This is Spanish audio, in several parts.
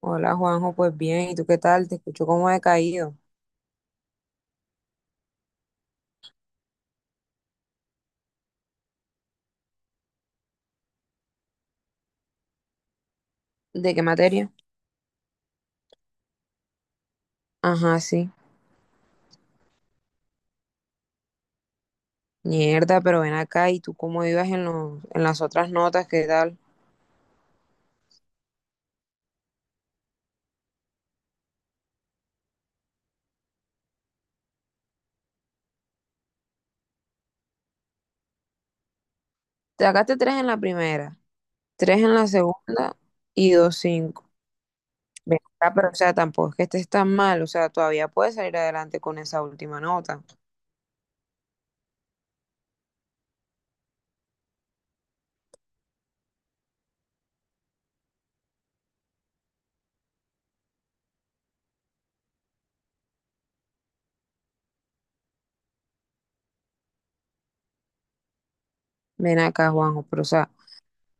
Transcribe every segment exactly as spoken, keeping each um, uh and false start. Hola Juanjo, pues bien, ¿y tú qué tal? Te escucho como decaído. ¿De qué materia? Ajá, sí. Mierda, pero ven acá, ¿y tú cómo ibas en los, en las otras notas? ¿Qué tal? Te sacaste tres en la primera, tres en la segunda y dos cinco. Ven acá, pero o sea, tampoco es que estés tan mal, o sea, todavía puedes salir adelante con esa última nota. Ven acá, Juanjo, pero o sea,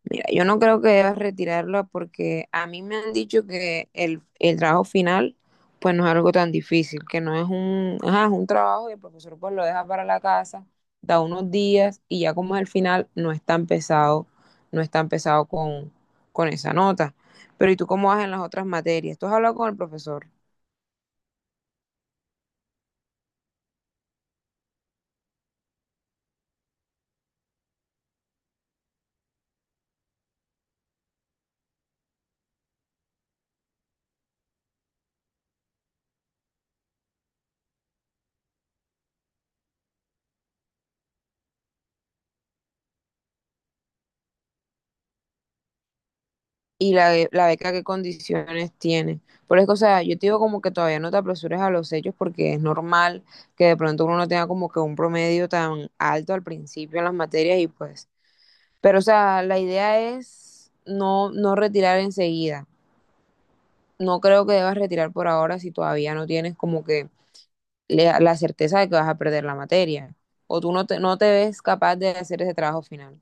mira, yo no creo que debas retirarla porque a mí me han dicho que el, el trabajo final pues no es algo tan difícil, que no es un, ajá, es un trabajo y el profesor pues lo deja para la casa, da unos días y ya como es el final no es tan pesado, no es tan pesado con, con esa nota. Pero ¿y tú cómo vas en las otras materias? ¿Tú has hablado con el profesor? Y la, la beca qué condiciones tiene. Por eso, o sea, yo te digo como que todavía no te apresures a los hechos porque es normal que de pronto uno no tenga como que un promedio tan alto al principio en las materias y pues, pero o sea, la idea es no, no retirar enseguida. No creo que debas retirar por ahora si todavía no tienes como que le- la certeza de que vas a perder la materia o tú no te, no te ves capaz de hacer ese trabajo final.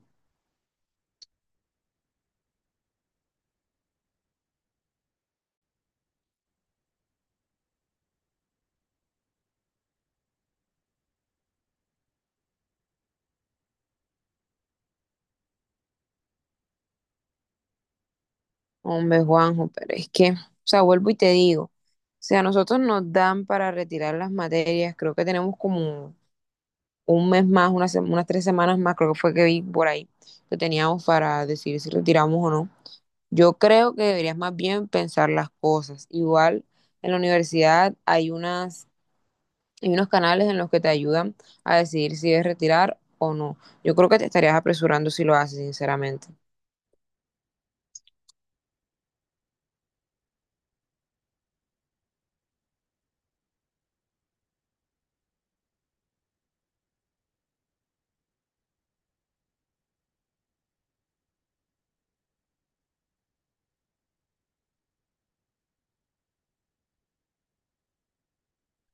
Hombre, Juanjo, pero es que, o sea, vuelvo y te digo, o sea, nosotros nos dan para retirar las materias, creo que tenemos como un mes más, unas, se- unas tres semanas más, creo que fue que vi por ahí, que teníamos para decidir si retiramos o no. Yo creo que deberías más bien pensar las cosas. Igual en la universidad hay unas, hay unos canales en los que te ayudan a decidir si debes retirar o no. Yo creo que te estarías apresurando si lo haces, sinceramente.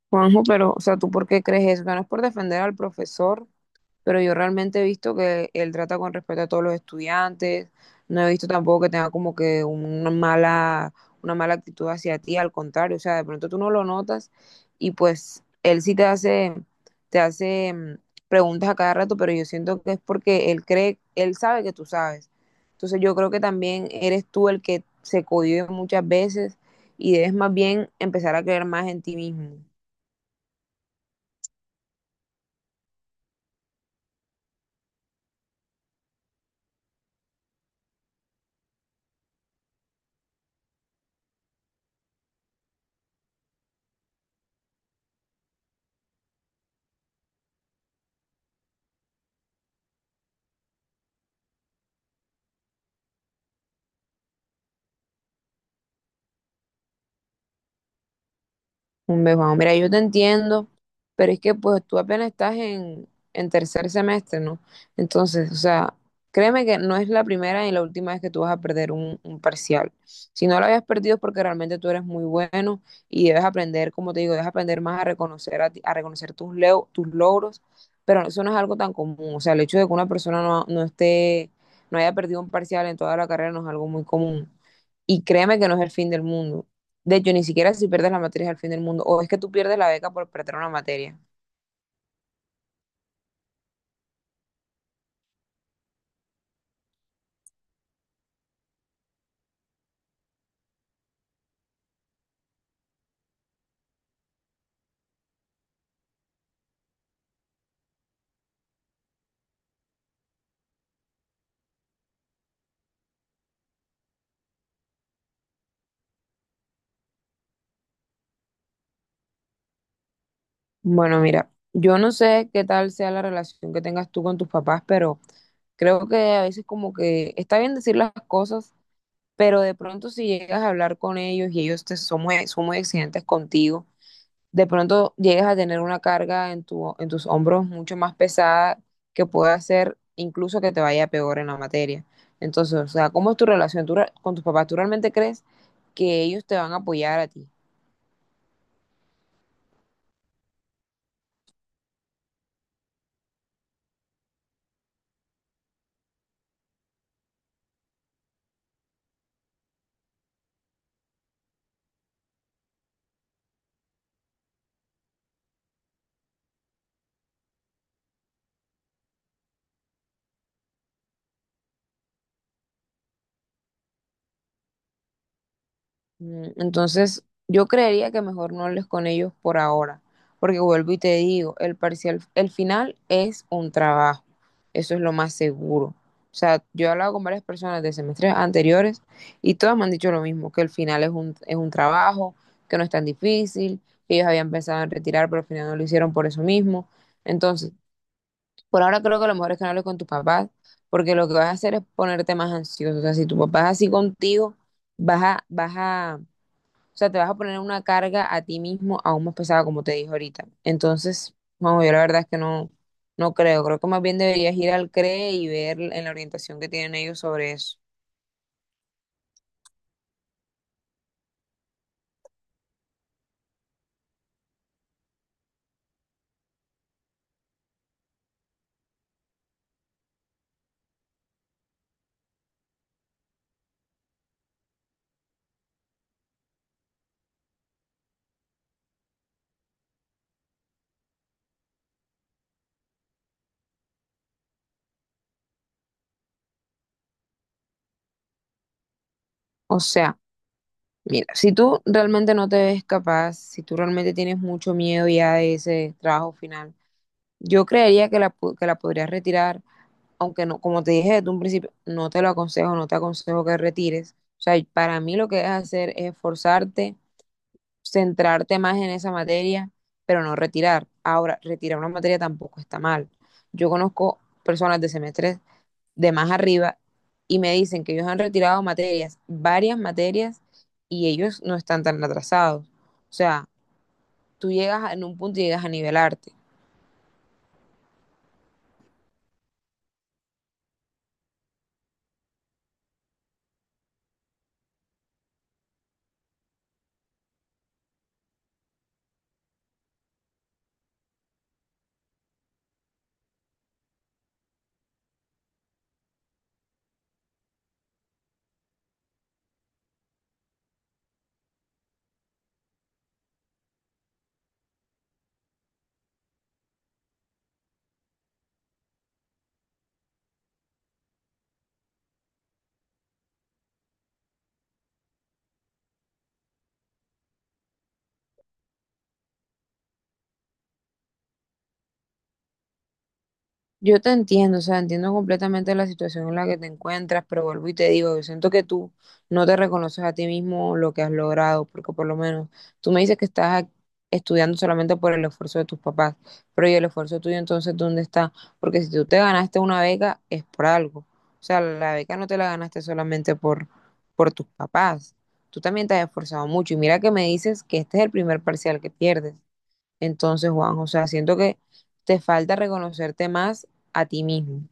Juanjo, pero, o sea, ¿tú por qué crees eso? Que no es por defender al profesor, pero yo realmente he visto que él trata con respeto a todos los estudiantes, no he visto tampoco que tenga como que una mala, una mala actitud hacia ti, al contrario, o sea, de pronto tú no lo notas y pues él sí te hace, te hace mm, preguntas a cada rato, pero yo siento que es porque él cree, él sabe que tú sabes. Entonces yo creo que también eres tú el que se cohíbe muchas veces y debes más bien empezar a creer más en ti mismo. Hombre, Juan, mira, yo te entiendo, pero es que pues tú apenas estás en, en tercer semestre, ¿no? Entonces, o sea, créeme que no es la primera ni la última vez que tú vas a perder un, un parcial. Si no lo habías perdido es porque realmente tú eres muy bueno y debes aprender, como te digo, debes aprender más a reconocer, a, ti- a reconocer tus, leo- tus logros, pero eso no es algo tan común. O sea, el hecho de que una persona no, no esté, no haya perdido un parcial en toda la carrera no es algo muy común. Y créeme que no es el fin del mundo. De hecho, ni siquiera si pierdes la materia es el fin del mundo. O es que tú pierdes la beca por perder una materia. Bueno, mira, yo no sé qué tal sea la relación que tengas tú con tus papás, pero creo que a veces como que está bien decir las cosas, pero de pronto si llegas a hablar con ellos y ellos te son muy, son muy exigentes contigo, de pronto llegues a tener una carga en tu, en tus hombros mucho más pesada que puede hacer incluso que te vaya peor en la materia. Entonces, o sea, ¿cómo es tu relación? ¿Tú re- con tus papás? ¿Tú realmente crees que ellos te van a apoyar a ti? Mm, Entonces, yo creería que mejor no hables con ellos por ahora, porque vuelvo y te digo, el parcial, el final es un trabajo, eso es lo más seguro. O sea, yo he hablado con varias personas de semestres anteriores y todas me han dicho lo mismo, que el final es un, es un trabajo, que no es tan difícil, que ellos habían pensado en retirar, pero al final no lo hicieron por eso mismo. Entonces, por ahora creo que lo mejor es que no hables con tus papás, porque lo que vas a hacer es ponerte más ansioso. O sea, si tu papá es así contigo, vas a, vas a o sea, te vas a poner una carga a ti mismo aún más pesada, como te dije ahorita. Entonces, vamos, yo la verdad es que no, no creo. Creo que más bien deberías ir al C R E y ver en la orientación que tienen ellos sobre eso. O sea, mira, si tú realmente no te ves capaz, si tú realmente tienes mucho miedo ya de ese trabajo final, yo creería que la, pu- que la podrías retirar, aunque no, como te dije desde un principio, no te lo aconsejo, no te aconsejo que retires. O sea, para mí lo que es hacer es esforzarte, centrarte más en esa materia, pero no retirar. Ahora, retirar una materia tampoco está mal. Yo conozco personas de semestres de más arriba y me dicen que ellos han retirado materias, varias materias, y ellos no están tan atrasados. O sea, tú llegas en un punto y llegas a nivelarte. Yo te entiendo, o sea, entiendo completamente la situación en la que te encuentras, pero vuelvo y te digo, yo siento que tú no te reconoces a ti mismo lo que has logrado, porque por lo menos tú me dices que estás ac- estudiando solamente por el esfuerzo de tus papás, pero ¿y el esfuerzo tuyo entonces dónde está? Porque si tú te ganaste una beca es por algo, o sea, la beca no te la ganaste solamente por, por tus papás, tú también te has esforzado mucho y mira que me dices que este es el primer parcial que pierdes. Entonces, Juanjo, o sea, siento que te falta reconocerte más a ti mismo.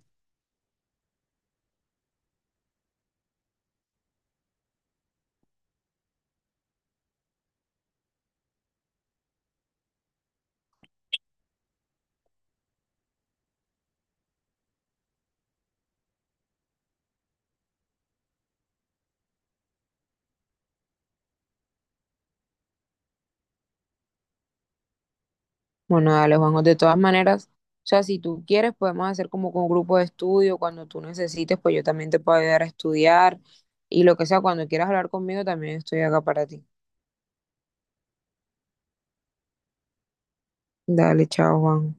Bueno, dale, Juanjo, de todas maneras, o sea, si tú quieres, podemos hacer como con un grupo de estudio, cuando tú necesites, pues yo también te puedo ayudar a estudiar y lo que sea, cuando quieras hablar conmigo, también estoy acá para ti. Dale, chao, Juanjo.